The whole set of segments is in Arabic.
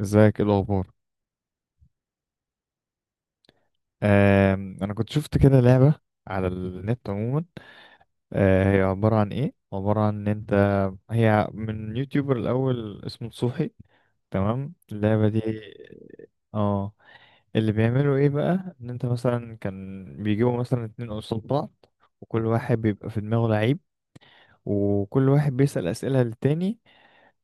ازيك؟ ايه الاخبار؟ انا كنت شفت كده لعبه على النت عموما. هي عباره عن ان انت هي من يوتيوبر. الاول اسمه صوحي، تمام؟ اللعبه دي اه اللي بيعملوا ايه بقى؟ ان انت مثلا كان بيجيبوا مثلا اتنين قصاد بعض، وكل واحد بيبقى في دماغه لعيب، وكل واحد بيسأل أسئلة للتاني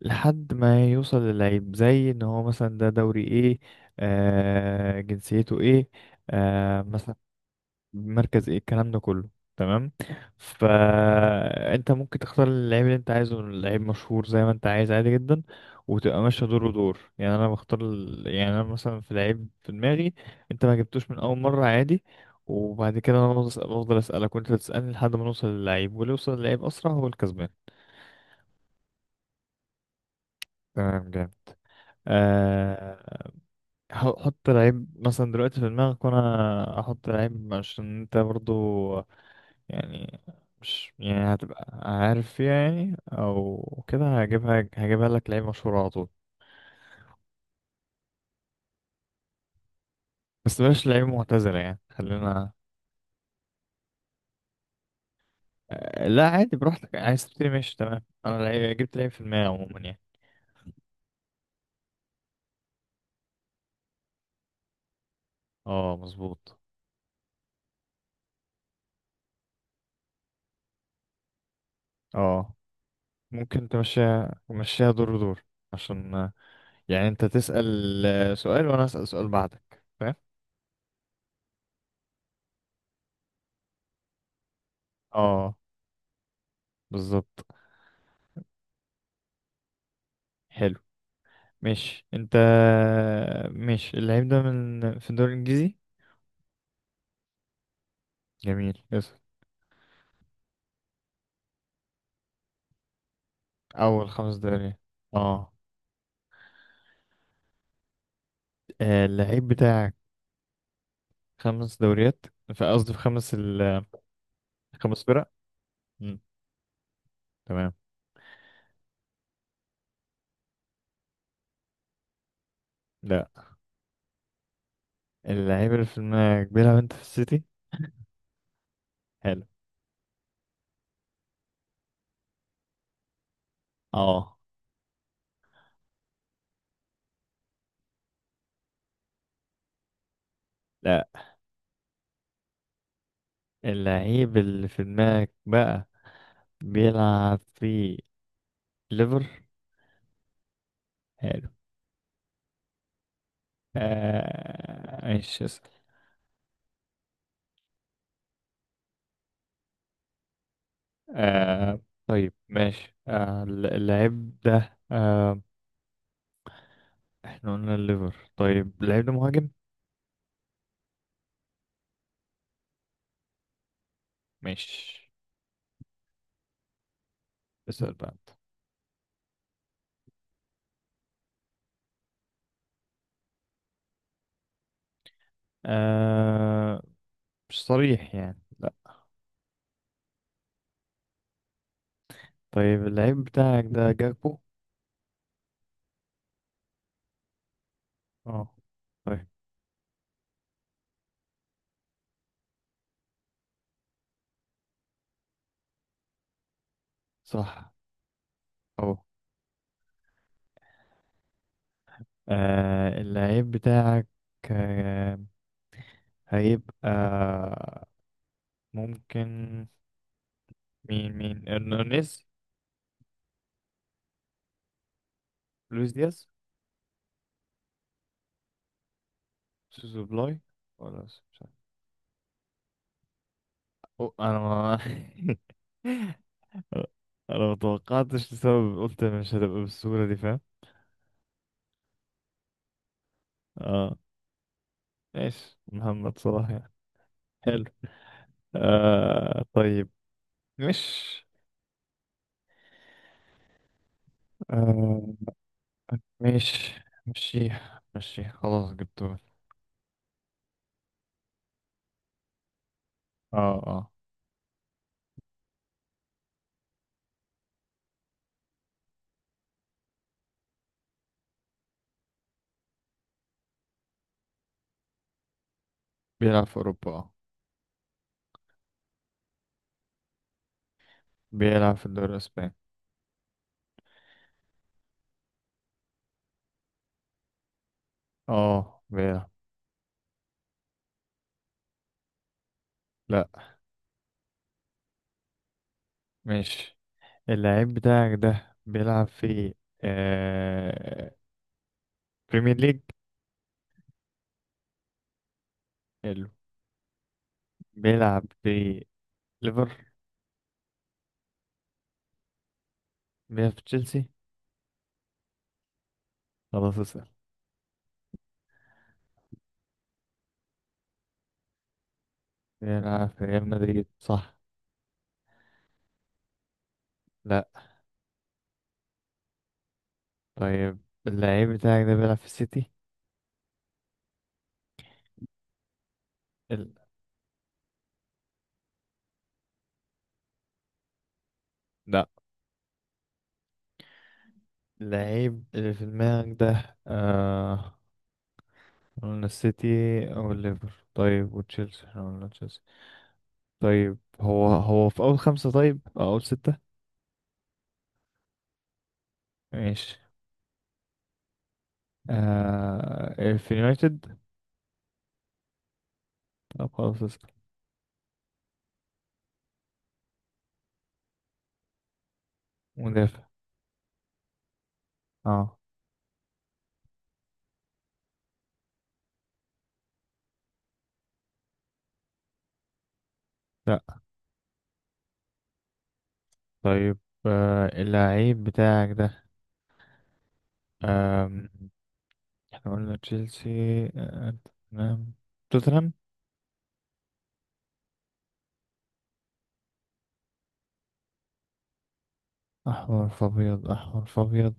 لحد ما يوصل للعيب، زي ان هو مثلا ده دوري ايه، جنسيته ايه، مثلا مركز ايه، الكلام ده كله. تمام، فانت ممكن تختار اللعيب اللي انت عايزه، لعيب مشهور زي ما انت عايز عادي جدا، وتبقى ماشيه دور ودور. يعني انا بختار يعني انا مثلا في لعيب في دماغي، انت ما جبتوش من اول مره عادي، وبعد كده انا بفضل بفضل اسالك وانت تسالني لحد ما نوصل للعيب، واللي يوصل للعيب اسرع هو الكسبان. تمام، جامد. أه، حط لعيب مثلا دلوقتي في دماغك وانا احط لعيب، عشان انت برضو يعني مش يعني هتبقى عارف فيها يعني، او كده هجيبها لك لعيب مشهور على طول. بس بلاش لعيب معتزل يعني، خلينا. لا عادي، براحتك، عايز تبتدي ماشي. تمام، انا لعيب، جبت لعيب في المية عموما يعني. اه مظبوط. اه، ممكن تمشيها تمشيها دور دور، عشان يعني انت تسأل سؤال وانا اسأل سؤال بعدك، فاهم؟ اه بالظبط. حلو، ماشي انت. ماشي، اللعيب ده في الدوري الانجليزي؟ جميل، اسأل. أول خمس دوريات؟ اه. اللعيب بتاعك خمس دوريات، في قصدي في خمس فرق. مم. تمام. لا. اللعيب اللي في دماغك بيلعب انت في السيتي؟ حلو. اه. لا. اللعيب اللي في دماغك بقى بيلعب في ليفر؟ حلو. ماشي، اسأل. آه طيب، ماشي، اللعيب ده احنا قلنا الليفر، طيب اللعيب ده مهاجم؟ ماشي، اسأل بقى. آه مش صريح يعني، لا. طيب، اللعيب بتاعك ده جاكبو؟ اه طيب. صح. اهو. اللعيب بتاعك آه هيبقى ممكن مين ارنانيز؟ لويس دياز؟ سوسو بلاي، ولا مش عارف. أو انا ما انا ما توقعتش لسبب، قلت مش هتبقى بالسهولة دي، فاهم؟ اه، ايش محمد صلاح يعني. حلو. طيب، مش آه ماشي، مشيها مشيها، خلاص جبته. اه اه. بيلعب في أوروبا اه. بيلعب في الدوري الأسباني. اه بيلعب. لا. ماشي، اللعيب بتاعك ده بيلعب في آه بريمير ليج. حلو. بيلعب في ليفر؟ بيلعب في تشيلسي؟ خلاص، اسأل. بيلعب في ريال مدريد، صح. لا. طيب، اللعيب بتاعك ده بيلعب في السيتي؟ ال- لا. اللعيب اللي في دماغك ده قلنا السيتي او الليفر، طيب وتشيلسي، احنا قلنا تشيلسي، طيب هو في اول خمسة؟ طيب او اول ستة؟ ماشي. في يونايتد؟ طب خلاص، اسكت. مدافع. اه. لا. طيب، اللعيب بتاعك ده، آم، احنا قلنا تشيلسي، آه، تمام، توتنهام؟ احمر في ابيض، احمر في ابيض،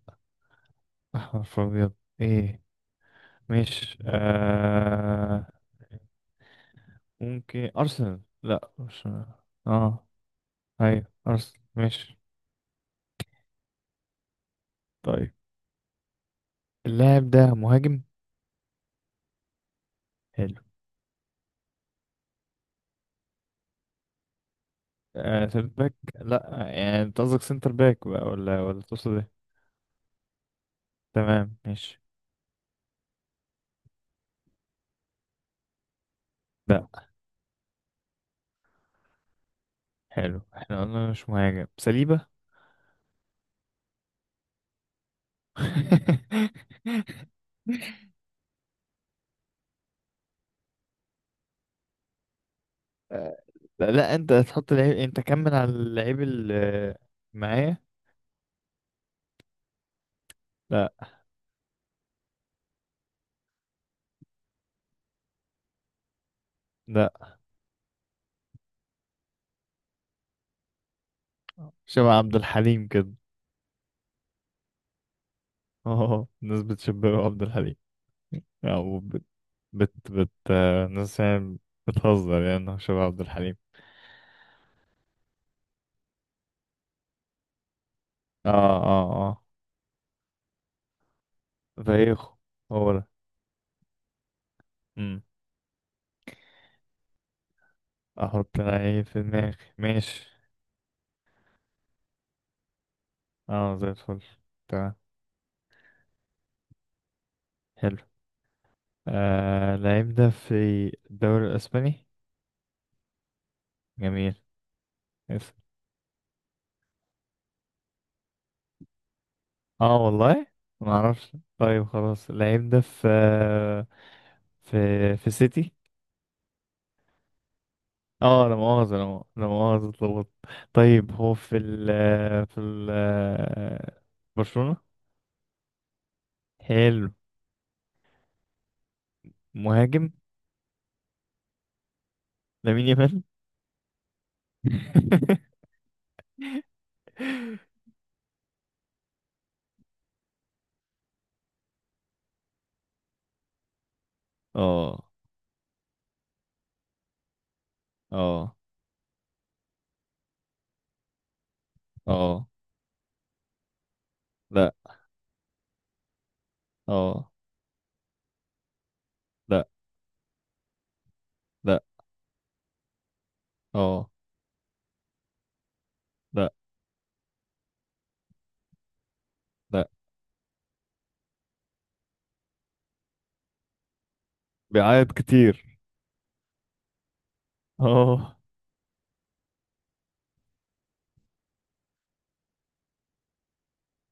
احمر في ابيض. ايه، مش ممكن ارسنال، لا مش. اه ايوه ارسنال، ماشي. طيب اللاعب ده مهاجم؟ حلو. سيرت باك، لا يعني انت قصدك سنتر باك بقى، ولا تقصد ايه؟ تمام، ماشي. لا. حلو، احنا قلنا مش مهاجم، سليبة. آه، لا لا، انت هتحط لعيب، انت كمل على اللعيب اللي معايا. لا. لا، شبه عبد الحليم كده. اه، الناس بتشبهه عبد الحليم، او بت بت بت الناس يعني بتهزر يعني إنه شبه عبد الحليم. اه اه اه. زيخو، هو ده. امم. احط لعيب في دماغي، ماشي. اه زي الفل. تمام. حلو. لعيب ده في الدوري الاسباني. جميل، اسم. اه والله ما اعرفش. طيب خلاص، اللعيب ده في في في سيتي. اه لا مؤاخذة، لا مؤاخذة، اتلخبطت. طيب هو في ال برشلونة. حلو. مهاجم. لامين يامال. اه اه اه. لا. اه. لا لا. اه. لا لا. بيعيط كتير. اه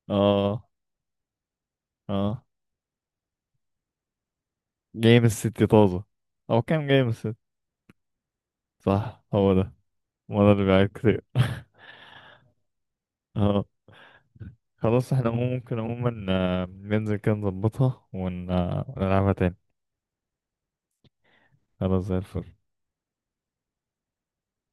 اه اه. جاي من الست طازة، او كام، جاي من الست. صح هو ده. هو ده اللي بيعيط كتير. اه، خلاص، احنا ممكن عموما ننزل كده نظبطها ونلعبها تاني. خلاص زي الفل.